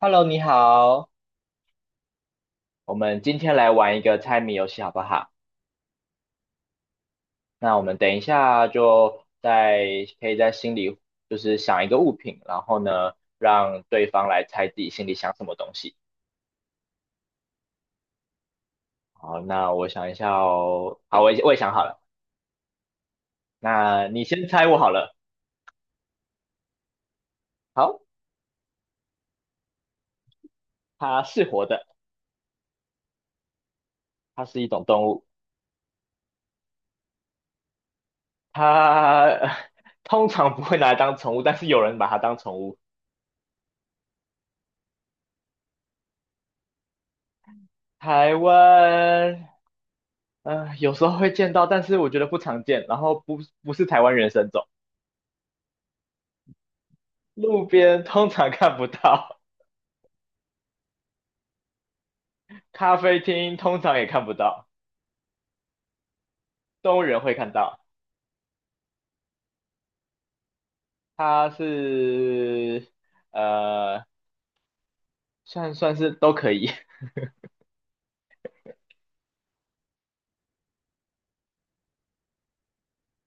Hello，你好，我们今天来玩一个猜谜游戏，好不好？那我们等一下就在可以在心里就是想一个物品，然后呢让对方来猜自己心里想什么东西。好，那我想一下哦，好，我也想好了，那你先猜我好了。好，它是活的，它是一种动物，它 通常不会拿来当宠物，但是有人把它当宠物。台湾，有时候会见到，但是我觉得不常见。然后不是台湾原生种，路边通常看不到，咖啡厅通常也看不到，动物园会看到。它是呃，算是都可以，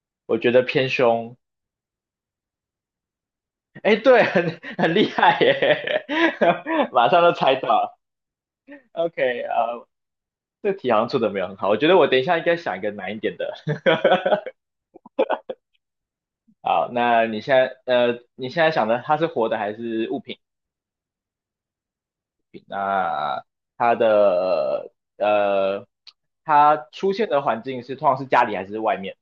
我觉得偏凶。哎，对，很厉害耶，马上就猜到了。OK，这题好像出的没有很好，我觉得我等一下应该想一个难一点的。好，那你现在你现在想的它是活的还是物品？品，那它的呃，它出现的环境是通常是家里还是外面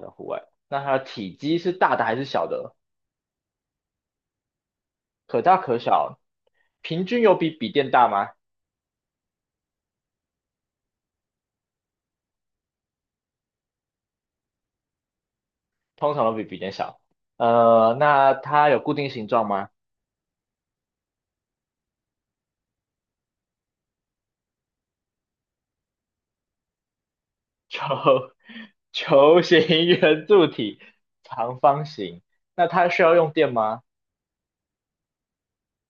的户外？那它的体积是大的还是小的？可大可小，平均有比笔电大吗？通常都比笔电小。那它有固定形状吗？球 球形、圆柱体、长方形。那它需要用电吗？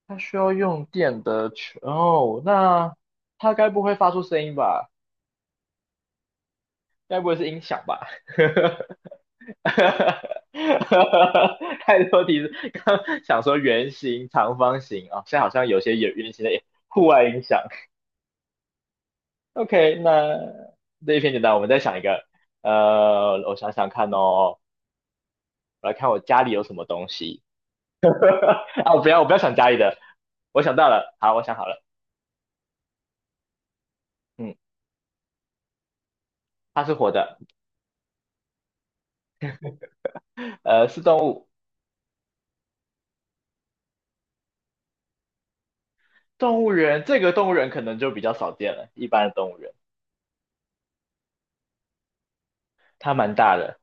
它需要用电的球。哦，那它该不会发出声音吧？该不会是音响吧？太多提示，刚想说圆形、长方形啊、哦现在好像有些圆圆形的户外音响。OK，那这一篇简单，我们再想一个。我想想看哦，我来看我家里有什么东西啊！我不要，我不要想家里的，我想到了，好，我想好了，嗯，它是活的，是动物，动物园这个动物园可能就比较少见了，一般的动物园，它蛮大的，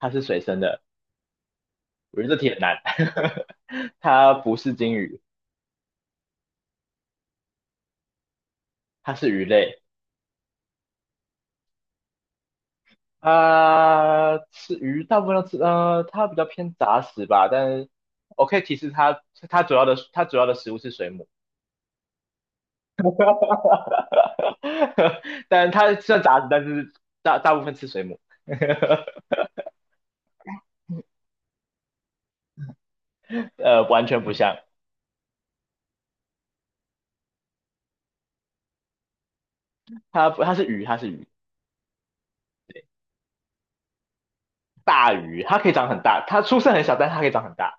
它是水生的，我觉得这题很难，它不是鲸鱼，它是鱼类，它吃鱼大部分都吃，它比较偏杂食吧，但是我可以提示它，它主要的食物是水母，但它虽然杂食，但是大部分吃水母，完全不像，它是鱼，它是鱼，大鱼，它可以长很大，它出生很小，但是它可以长很大，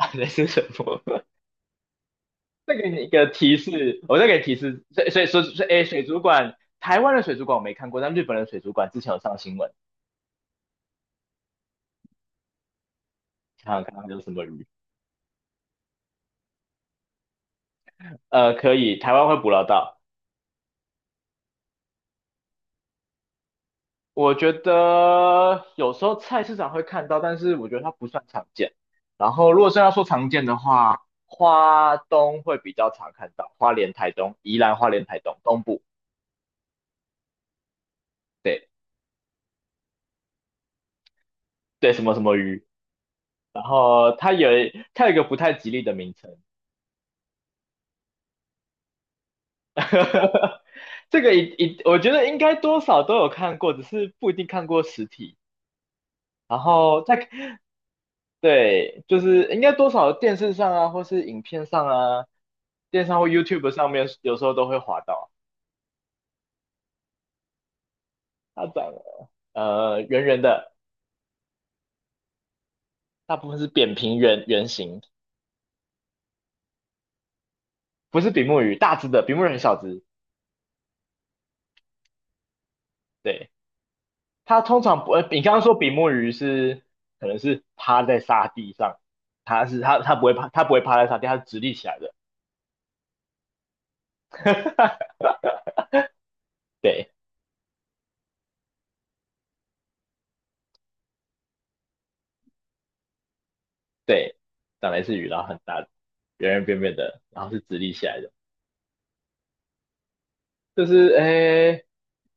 类似水母。再给你一个提示，我再给提示，所以哎，水族馆，台湾的水族馆我没看过，但日本的水族馆之前有上新闻，看看有什么鱼。可以，台湾会捕捞到。我觉得有时候菜市场会看到，但是我觉得它不算常见。然后如果是要说常见的话，花东会比较常看到，花莲、台东、宜兰、花莲、台东东部，对对，什么什么鱼。然后它有一个不太吉利的名称，这个一，我觉得应该多少都有看过，只是不一定看过实体。然后再，对，就是应该多少电视上啊，或是影片上啊，电视上或 YouTube 上面，有时候都会滑到。它长得圆圆的，大部分是扁平圆圆形，不是比目鱼，大只的，比目鱼很小只。对，它通常不，你刚刚说比目鱼是可能是趴在沙地上，它是它不会趴，它不会趴在沙地，它是直立起来的。对对，长得是鱼，然后很大，的，圆圆扁扁的，然后是直立起来的，就是诶，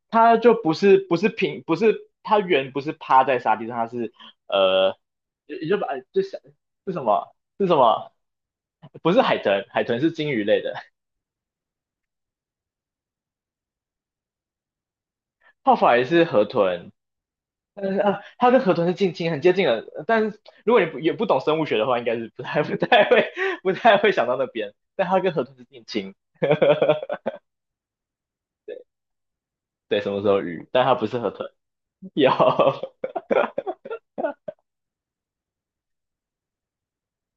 它就不是平，不是它圆，不是趴在沙地上，它是呃，也就把就想是什么？不是海豚，海豚是鲸鱼类的，泡法也是河豚，但是啊，它跟河豚是近亲，很接近的。但是如果你不也不懂生物学的话，应该是不太 不太会不太会想到那边。但它跟河豚是近亲，对，什么时候鱼？但它不是河豚，有，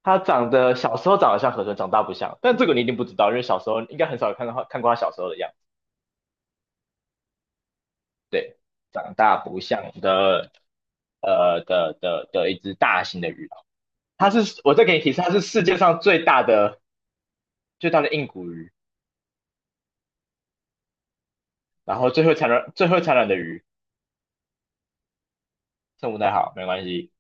它长得小时候长得像河豚，长大不像。但这个你一定不知道，因为小时候应该很少看过它小时候的样子。对，长大不像的，一只大型的鱼。它是，我再给你提示，它是世界上最大的硬骨鱼，然后最会产卵的鱼。称呼太好，没关系，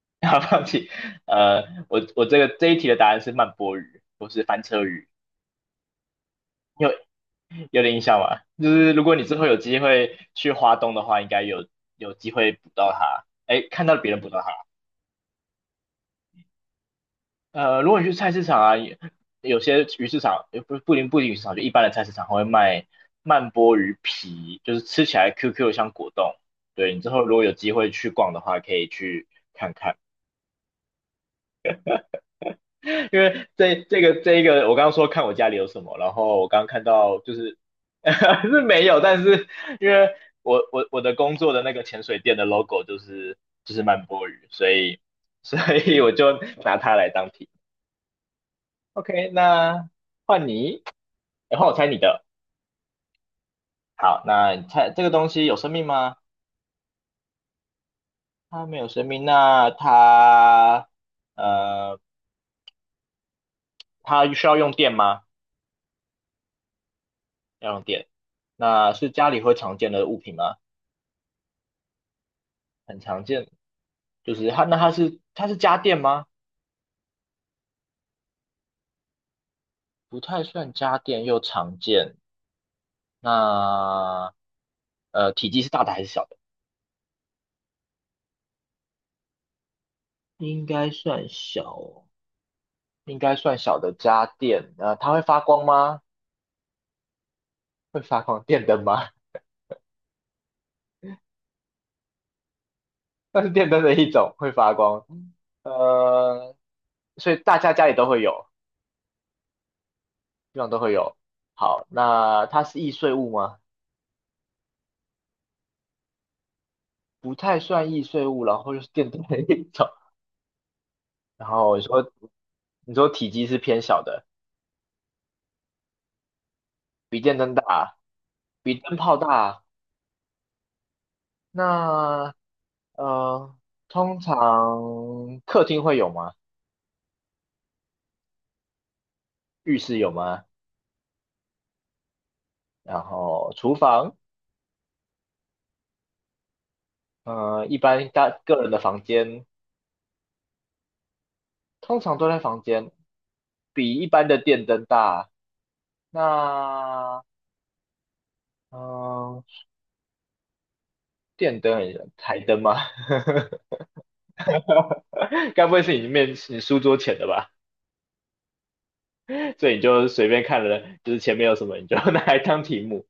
不要放弃。呃，我这个这一题的答案是慢波鱼，不是翻车鱼。因为有点印象吧，就是如果你之后有机会去华东的话，应该有有机会捕到它，哎，看到别人捕到它。如果你去菜市场啊，有有些鱼市场，不仅鱼市场，就一般的菜市场会卖慢波鱼皮，就是吃起来 QQ 像果冻。对，你之后如果有机会去逛的话，可以去看看。因为这一个，我刚刚说看我家里有什么，然后我刚刚看到就是 是没有，但是因为我的工作的那个潜水店的 logo 就是就是曼波鱼，所以我就拿它来当题。OK，那换你，诶换我猜你的。好，那你猜这个东西有生命吗？它没有生命，那它呃它需要用电吗？要用电。那是家里会常见的物品吗？很常见，就是它，那它是家电吗？不太算家电，又常见。那体积是大的还是小的？应该算小哦应该算小的家电。它会发光吗？会发光，电灯吗？那是电灯的一种，会发光。呃，所以大家家里都会有，基本上都会有。好，那它是易碎物吗？不太算易碎物，然后又是电灯的一种。然后你说，你说体积是偏小的，比电灯大。比灯泡大。那呃，通常客厅会有吗？浴室有吗？然后厨房，一般大个人的房间，通常都在房间，比一般的电灯大。那嗯、呃，电灯很台灯吗？该不会是你面你书桌前的吧？所以你就随便看了，就是前面有什么你就 拿来当题目。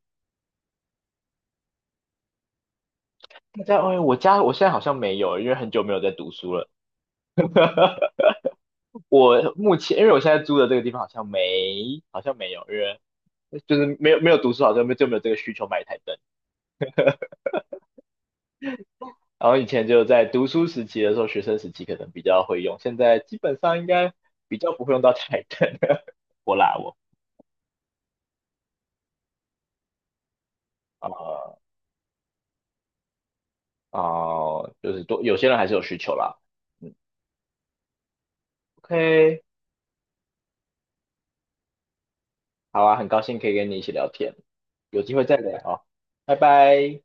大家，哎，我家我现在好像没有，因为很久没有在读书了。我目前，因为我现在租的这个地方好像没，好像没有，因为就是没有读书，好像就没有这个需求买一台灯。然后以前就在读书时期的时候，学生时期可能比较会用，现在基本上应该比较不会用到台灯。我啦，我啊哦就是多有些人还是有需求啦。嗯，OK，好啊，很高兴可以跟你一起聊天，有机会再聊哦，拜拜。